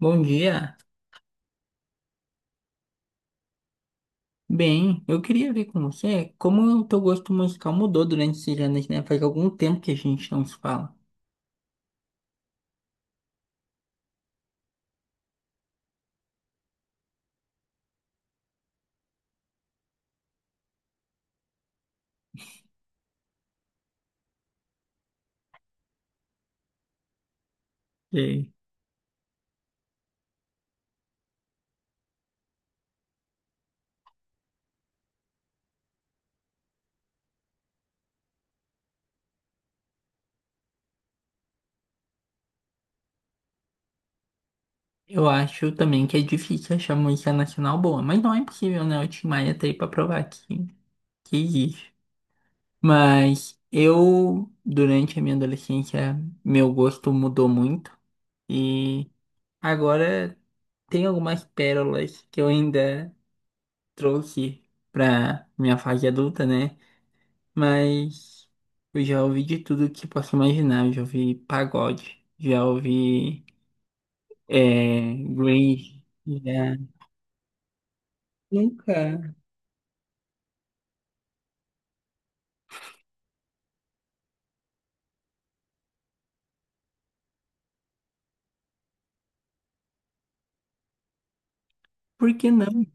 Bom dia. Bem, eu queria ver com você como o teu gosto musical mudou durante esses anos, né? Faz algum tempo que a gente não se fala. E eu acho também que é difícil achar música nacional boa, mas não é impossível, né? O Tim Maia tá aí pra provar que existe. Mas eu, durante a minha adolescência, meu gosto mudou muito e agora tem algumas pérolas que eu ainda trouxe pra minha fase adulta, né? Mas eu já ouvi de tudo que posso imaginar. Eu já ouvi pagode, já ouvi grunge, já... Nunca. Por que não?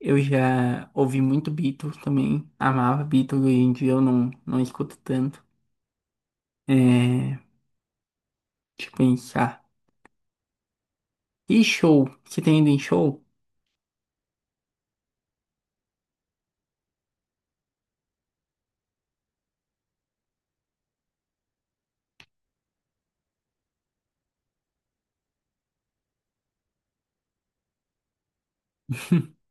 Eu já ouvi muito Beatles também. Amava Beatles, hoje em dia eu não escuto tanto. É, deixa eu pensar. E show? Você tem ido em show?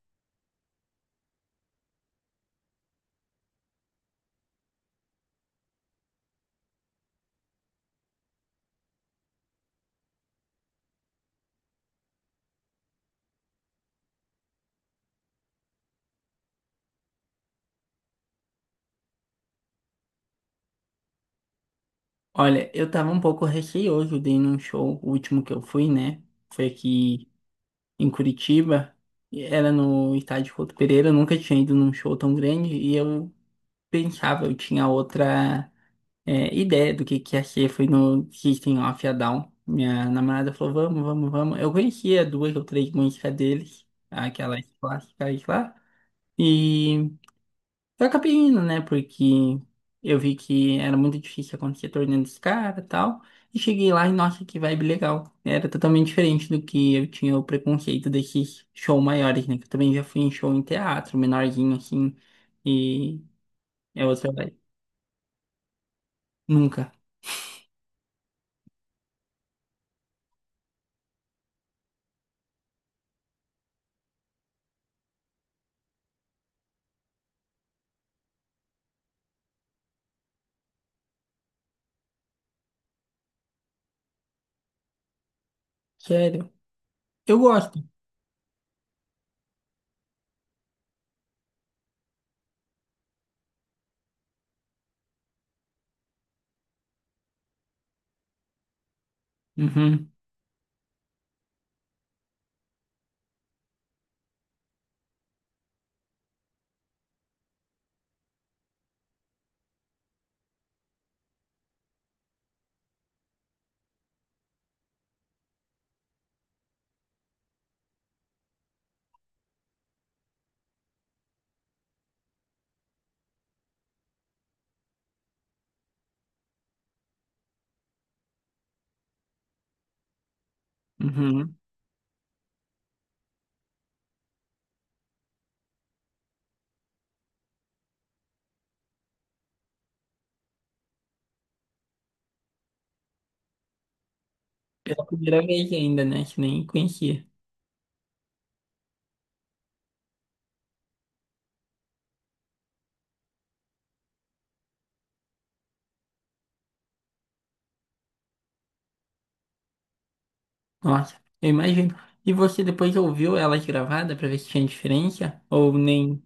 Olha, eu tava um pouco receoso de ir num show, o último que eu fui, né? Foi aqui em Curitiba, e era no estádio Couto Pereira, eu nunca tinha ido num show tão grande e eu pensava, eu tinha outra ideia do que ia ser, foi no System of a Down. Minha namorada falou, vamos, vamos, vamos. Eu conhecia duas ou três músicas deles, aquelas clássicas lá, e eu acabei indo, né? Porque eu vi que era muito difícil acontecer torneio dos caras e tal. E cheguei lá e, nossa, que vibe legal. Era totalmente diferente do que eu tinha o preconceito desses shows maiores, né? Que eu também já fui em show em teatro, menorzinho, assim. E é outra vibe. Nunca. Sério. Eu gosto. Uhum, uhum. Pela primeira vez ainda, né? Que nem conhecia. Nossa, eu imagino. E você depois ouviu ela gravada pra ver se tinha diferença? Ou nem.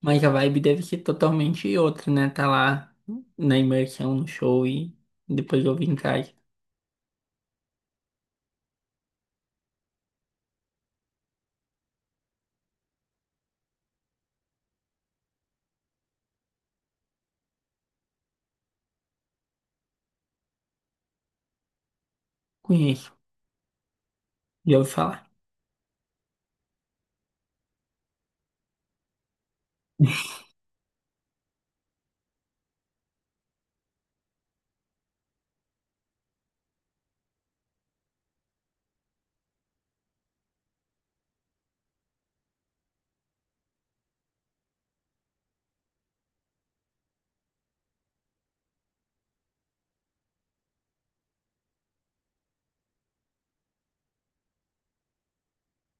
Mas a vibe deve ser totalmente outra, né? Tá lá na imersão, no show e depois eu vim em casa. Conheço, já ouvi falar.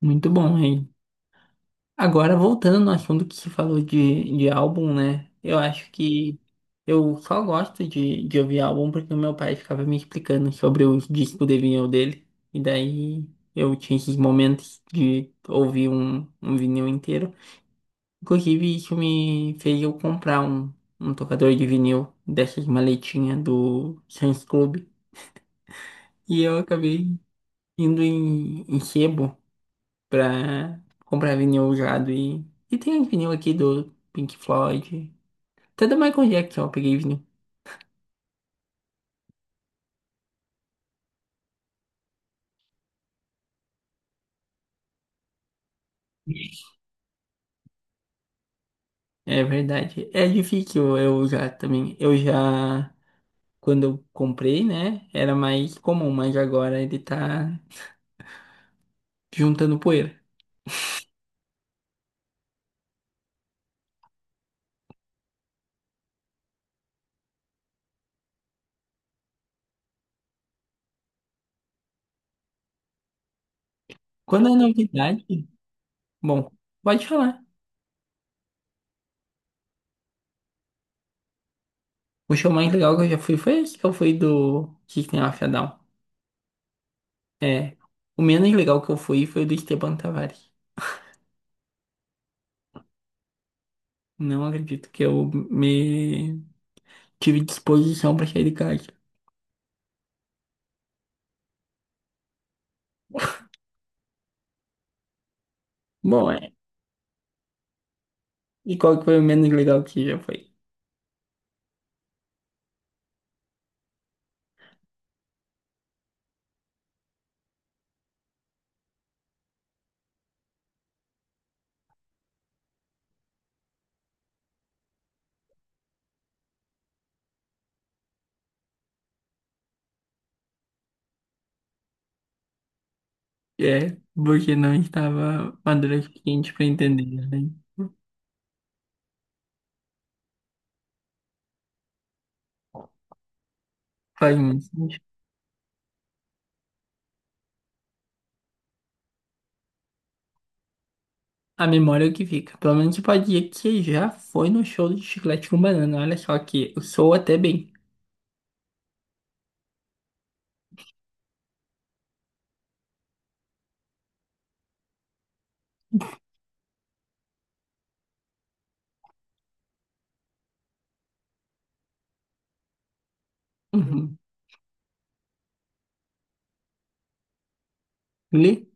Muito bom, hein? Agora, voltando ao assunto que você falou de álbum, né? Eu acho que eu só gosto de ouvir álbum porque o meu pai ficava me explicando sobre os discos de vinil dele. E daí eu tinha esses momentos de ouvir um vinil inteiro. Inclusive, isso me fez eu comprar um tocador de vinil dessas maletinhas do Sam's Club. E eu acabei indo em sebo pra comprar vinil usado. E tem vinil aqui do Pink Floyd. Até do Michael Jackson eu peguei vinil. É verdade. É difícil eu usar também. Eu já, quando eu comprei, né, era mais comum, mas agora ele tá juntando poeira. Quando é novidade, bom, pode falar. O show mais legal que eu já fui foi esse que eu fui do System of a Down. É. O menos legal que eu fui foi o do Esteban Tavares. Não acredito que eu me tive disposição pra sair de casa. Bom, é. E qual que foi o menos legal que já foi? É, porque não estava maduro o suficiente pra entender, né? Faz muito sentido. A memória é o que fica. Pelo menos você pode dizer que você já foi no show de Chiclete com Banana. Olha só que eu sou até bem. Uhum. Glee?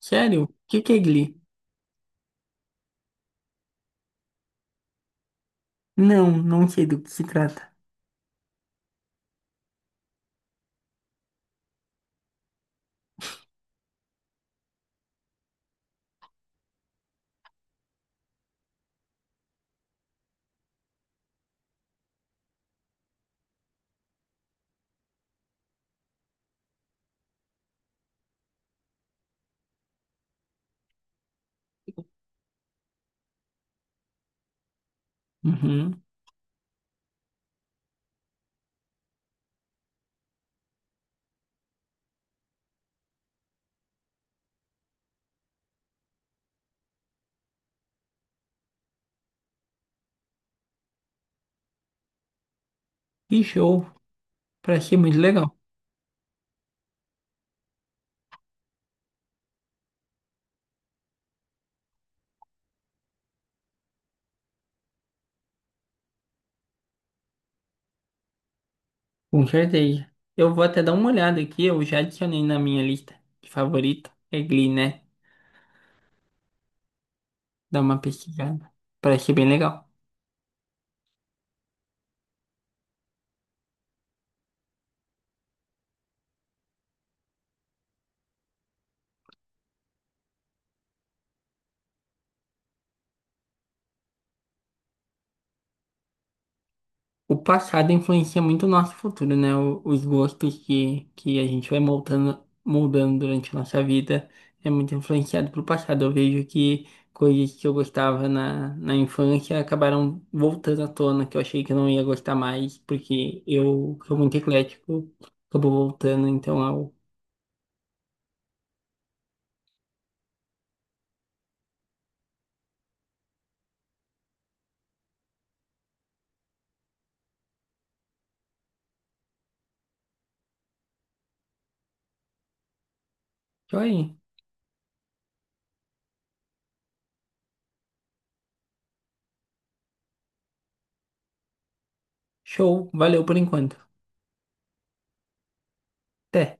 Sério? O que que é Glee? Não, não sei do que se trata. Uhum. Que show! Parece ser muito legal. Com certeza. Eu vou até dar uma olhada aqui, eu já adicionei na minha lista de favorita. É Glee, né? Dá uma pesquisada. Parece ser bem legal. O passado influencia muito o nosso futuro, né? O- os gostos que a gente vai moldando, moldando durante a nossa vida é muito influenciado pelo passado. Eu vejo que coisas que eu gostava na infância acabaram voltando à tona, que eu achei que eu não ia gostar mais, porque eu sou muito eclético, acabou voltando, então é o... Joia. Show, valeu por enquanto. Até.